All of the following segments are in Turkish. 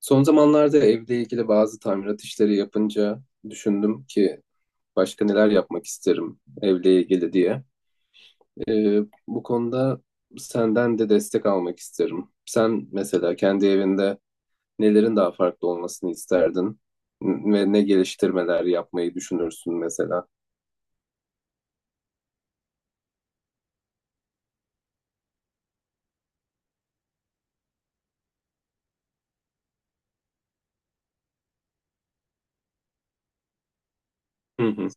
Son zamanlarda evle ilgili bazı tamirat işleri yapınca düşündüm ki başka neler yapmak isterim evle ilgili diye. Ee, Bu konuda senden de destek almak isterim. Sen mesela kendi evinde nelerin daha farklı olmasını isterdin ve ne geliştirmeler yapmayı düşünürsün mesela? Hı hı.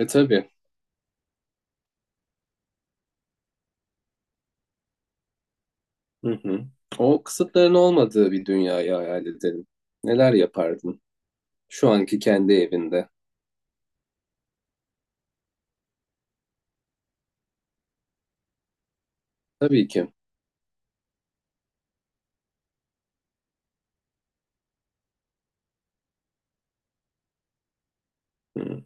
E tabii. Hı hı. O kısıtların olmadığı bir dünyayı hayal edelim. Neler yapardın şu anki kendi evinde? Tabii ki. Hı,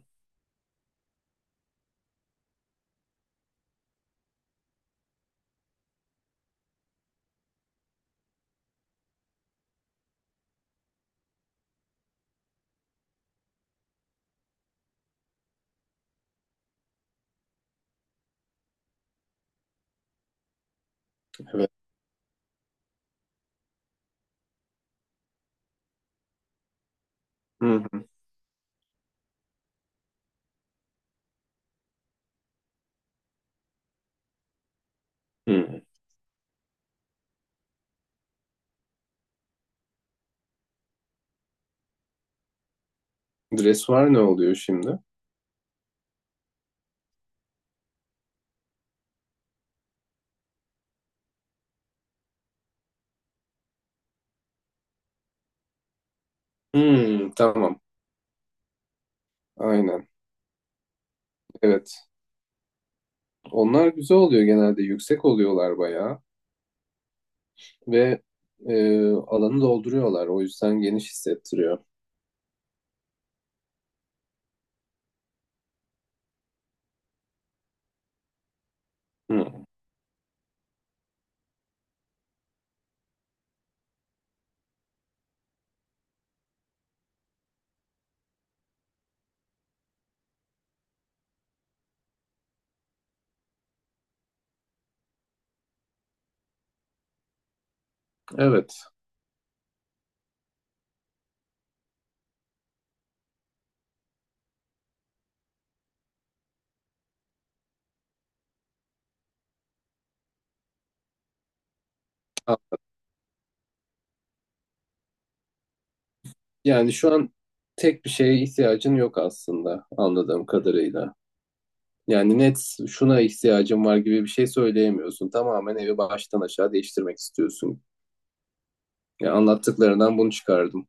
evet. Hı hı. Hı. Dressuar ne oluyor şimdi? Hmm, tamam. Aynen. Evet. Onlar güzel oluyor genelde. Yüksek oluyorlar bayağı. Ve e, alanı dolduruyorlar. O yüzden geniş hissettiriyor. Hmm, evet. A- Yani şu an tek bir şeye ihtiyacın yok aslında anladığım kadarıyla. Yani net şuna ihtiyacım var gibi bir şey söyleyemiyorsun. Tamamen evi baştan aşağı değiştirmek istiyorsun. Yani anlattıklarından bunu çıkardım.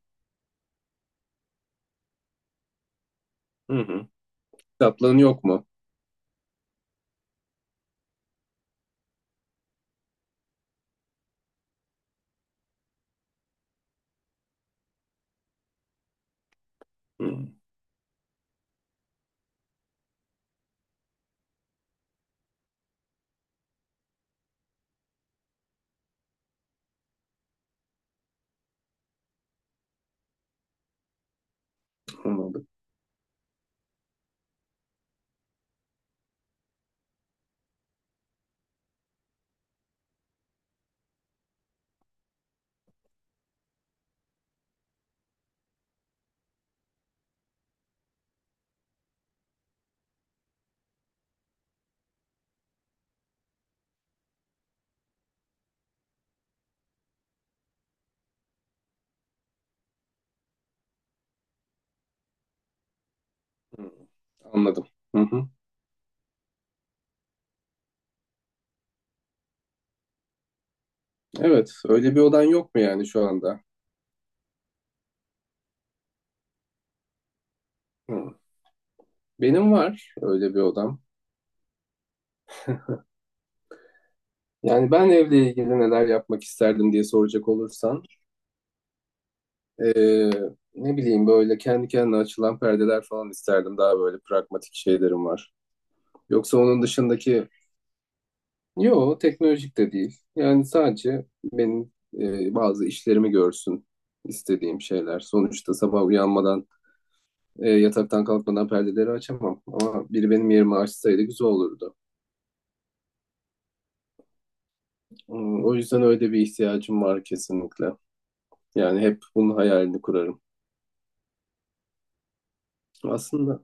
Hı hı. Kitaplığın yok mu? Hı. Anladım. Hı, anladım. Hı hı. Evet, öyle bir odan yok mu yani şu anda? Hı. Benim var öyle bir odam. Yani ben evle ilgili neler yapmak isterdim diye soracak olursan, eee, ne bileyim böyle kendi kendine açılan perdeler falan isterdim. Daha böyle pragmatik şeylerim var. Yoksa onun dışındaki, yo teknolojik de değil. Yani sadece benim bazı işlerimi görsün istediğim şeyler. Sonuçta sabah uyanmadan yataktan kalkmadan perdeleri açamam. Ama biri benim yerimi açsaydı güzel olurdu. Hmm, o yüzden öyle bir ihtiyacım var kesinlikle. Yani hep bunun hayalini kurarım. Aslında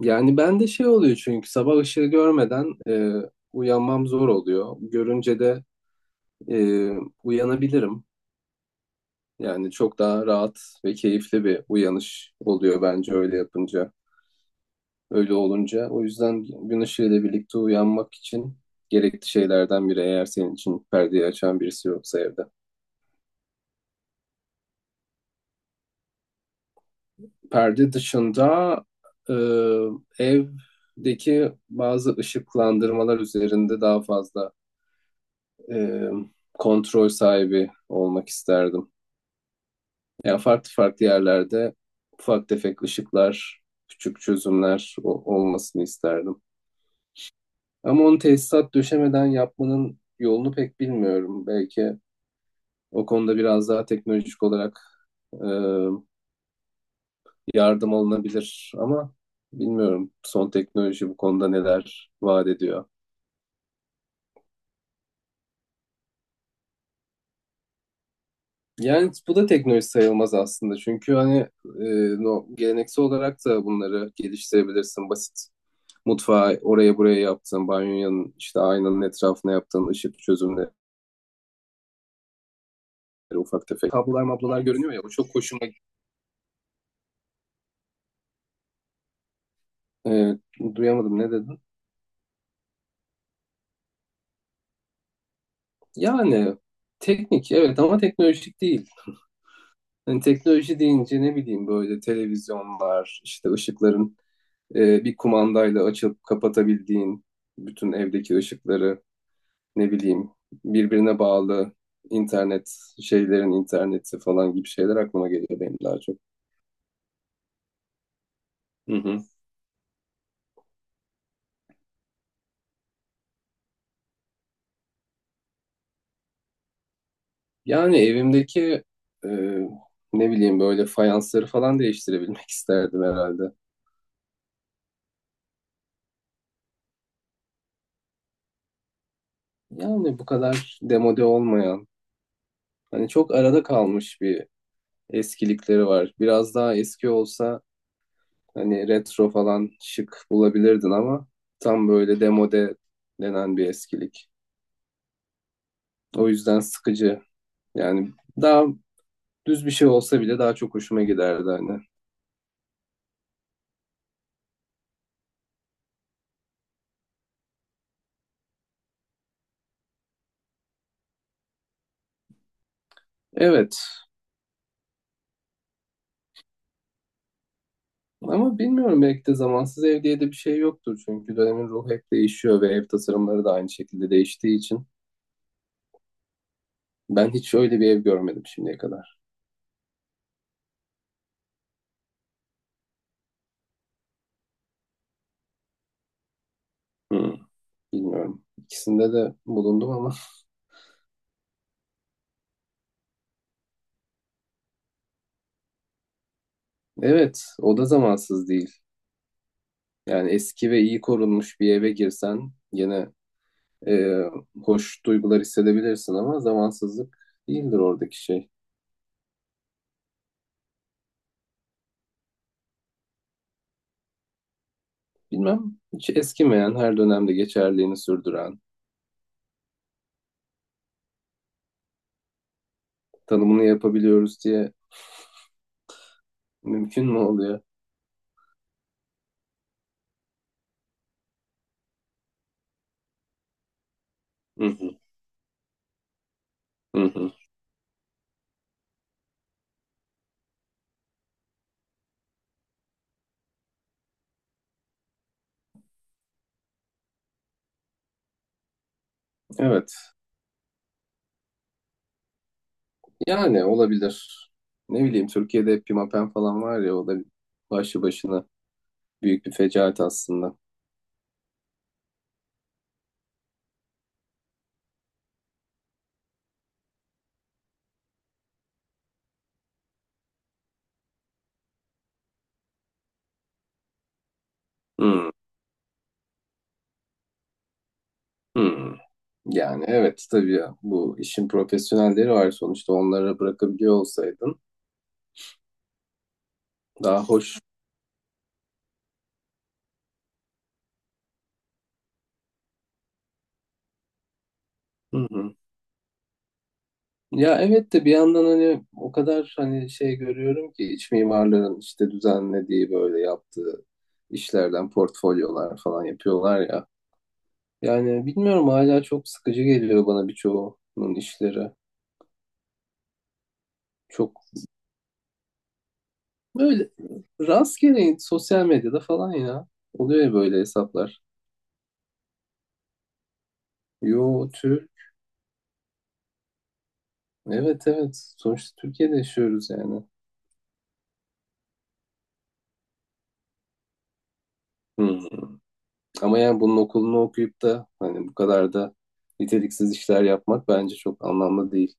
yani ben de şey oluyor çünkü sabah ışığı görmeden uyanmam zor oluyor. Görünce de e, uyanabilirim. Yani çok daha rahat ve keyifli bir uyanış oluyor bence öyle yapınca. Öyle olunca. O yüzden gün ışığıyla birlikte uyanmak için gerekli şeylerden biri eğer senin için perdeyi açan birisi yoksa evde. Perde dışında e, evdeki bazı ışıklandırmalar üzerinde daha fazla e, kontrol sahibi olmak isterdim. Yani farklı farklı yerlerde ufak tefek ışıklar, küçük çözümler o- olmasını isterdim. Ama onu tesisat döşemeden yapmanın yolunu pek bilmiyorum. Belki o konuda biraz daha teknolojik olarak e, yardım alınabilir ama bilmiyorum son teknoloji bu konuda neler vaat ediyor. Yani bu da teknoloji sayılmaz aslında çünkü hani e, no, geleneksel olarak da bunları geliştirebilirsin basit. Mutfağı oraya buraya yaptın, banyonun işte aynanın etrafına yaptığın ışık çözümleri ufak tefek. Kablolar mablolar görünüyor ya o çok hoşuma gitti. E, duyamadım ne dedin? Yani teknik evet ama teknolojik değil. Hani teknoloji deyince ne bileyim böyle televizyonlar, işte ışıkların bir kumandayla açıp kapatabildiğin bütün evdeki ışıkları, ne bileyim birbirine bağlı internet şeylerin interneti falan gibi şeyler aklıma geliyor benim daha çok. Hı hı. Yani evimdeki e, ne bileyim böyle fayansları falan değiştirebilmek isterdim herhalde. Yani bu kadar demode olmayan, hani çok arada kalmış bir eskilikleri var. Biraz daha eski olsa hani retro falan şık bulabilirdin ama tam böyle demode denen bir eskilik. O yüzden sıkıcı. Yani daha düz bir şey olsa bile daha çok hoşuma giderdi hani. Evet ama bilmiyorum belki de zamansız ev diye de bir şey yoktur. Çünkü dönemin ruhu hep değişiyor ve ev tasarımları da aynı şekilde değiştiği için. Ben hiç öyle bir ev görmedim şimdiye kadar. Hmm, bilmiyorum. İkisinde de bulundum ama. Evet o da zamansız değil. Yani eski ve iyi korunmuş bir eve girsen yine e, hoş duygular hissedebilirsin ama zamansızlık değildir oradaki şey. Bilmem, hiç eskimeyen, her dönemde geçerliğini sürdüren, tanımını yapabiliyoruz diye mümkün mü oluyor? Hı hı, hı hı. Evet, yani olabilir. Ne bileyim, Türkiye'de pimapen falan var ya, o da başlı başına büyük bir fecaat aslında. Hı, hı. Yani evet tabii ya, bu işin profesyonelleri var sonuçta onlara bırakabiliyor olsaydın daha hoş. Hı hı. Ya evet de bir yandan hani o kadar hani şey görüyorum ki iç mimarların işte düzenlediği böyle yaptığı işlerden portfolyolar falan yapıyorlar ya. Yani bilmiyorum hala çok sıkıcı geliyor bana birçoğunun işleri. Çok böyle rastgele sosyal medyada falan ya. Oluyor ya böyle hesaplar. Yo Türk. Evet evet. Sonuçta Türkiye'de yaşıyoruz yani. Hmm. Ama yani bunun okulunu okuyup da hani bu kadar da niteliksiz işler yapmak bence çok anlamlı değil.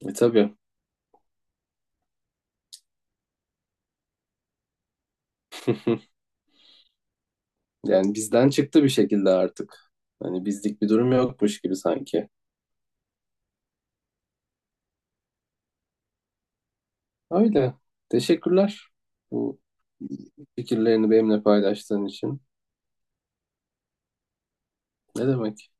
E tabii. Yani bizden çıktı bir şekilde artık. Hani bizlik bir durum yokmuş gibi sanki. Öyle. Teşekkürler bu fikirlerini benimle paylaştığın için. Ne demek?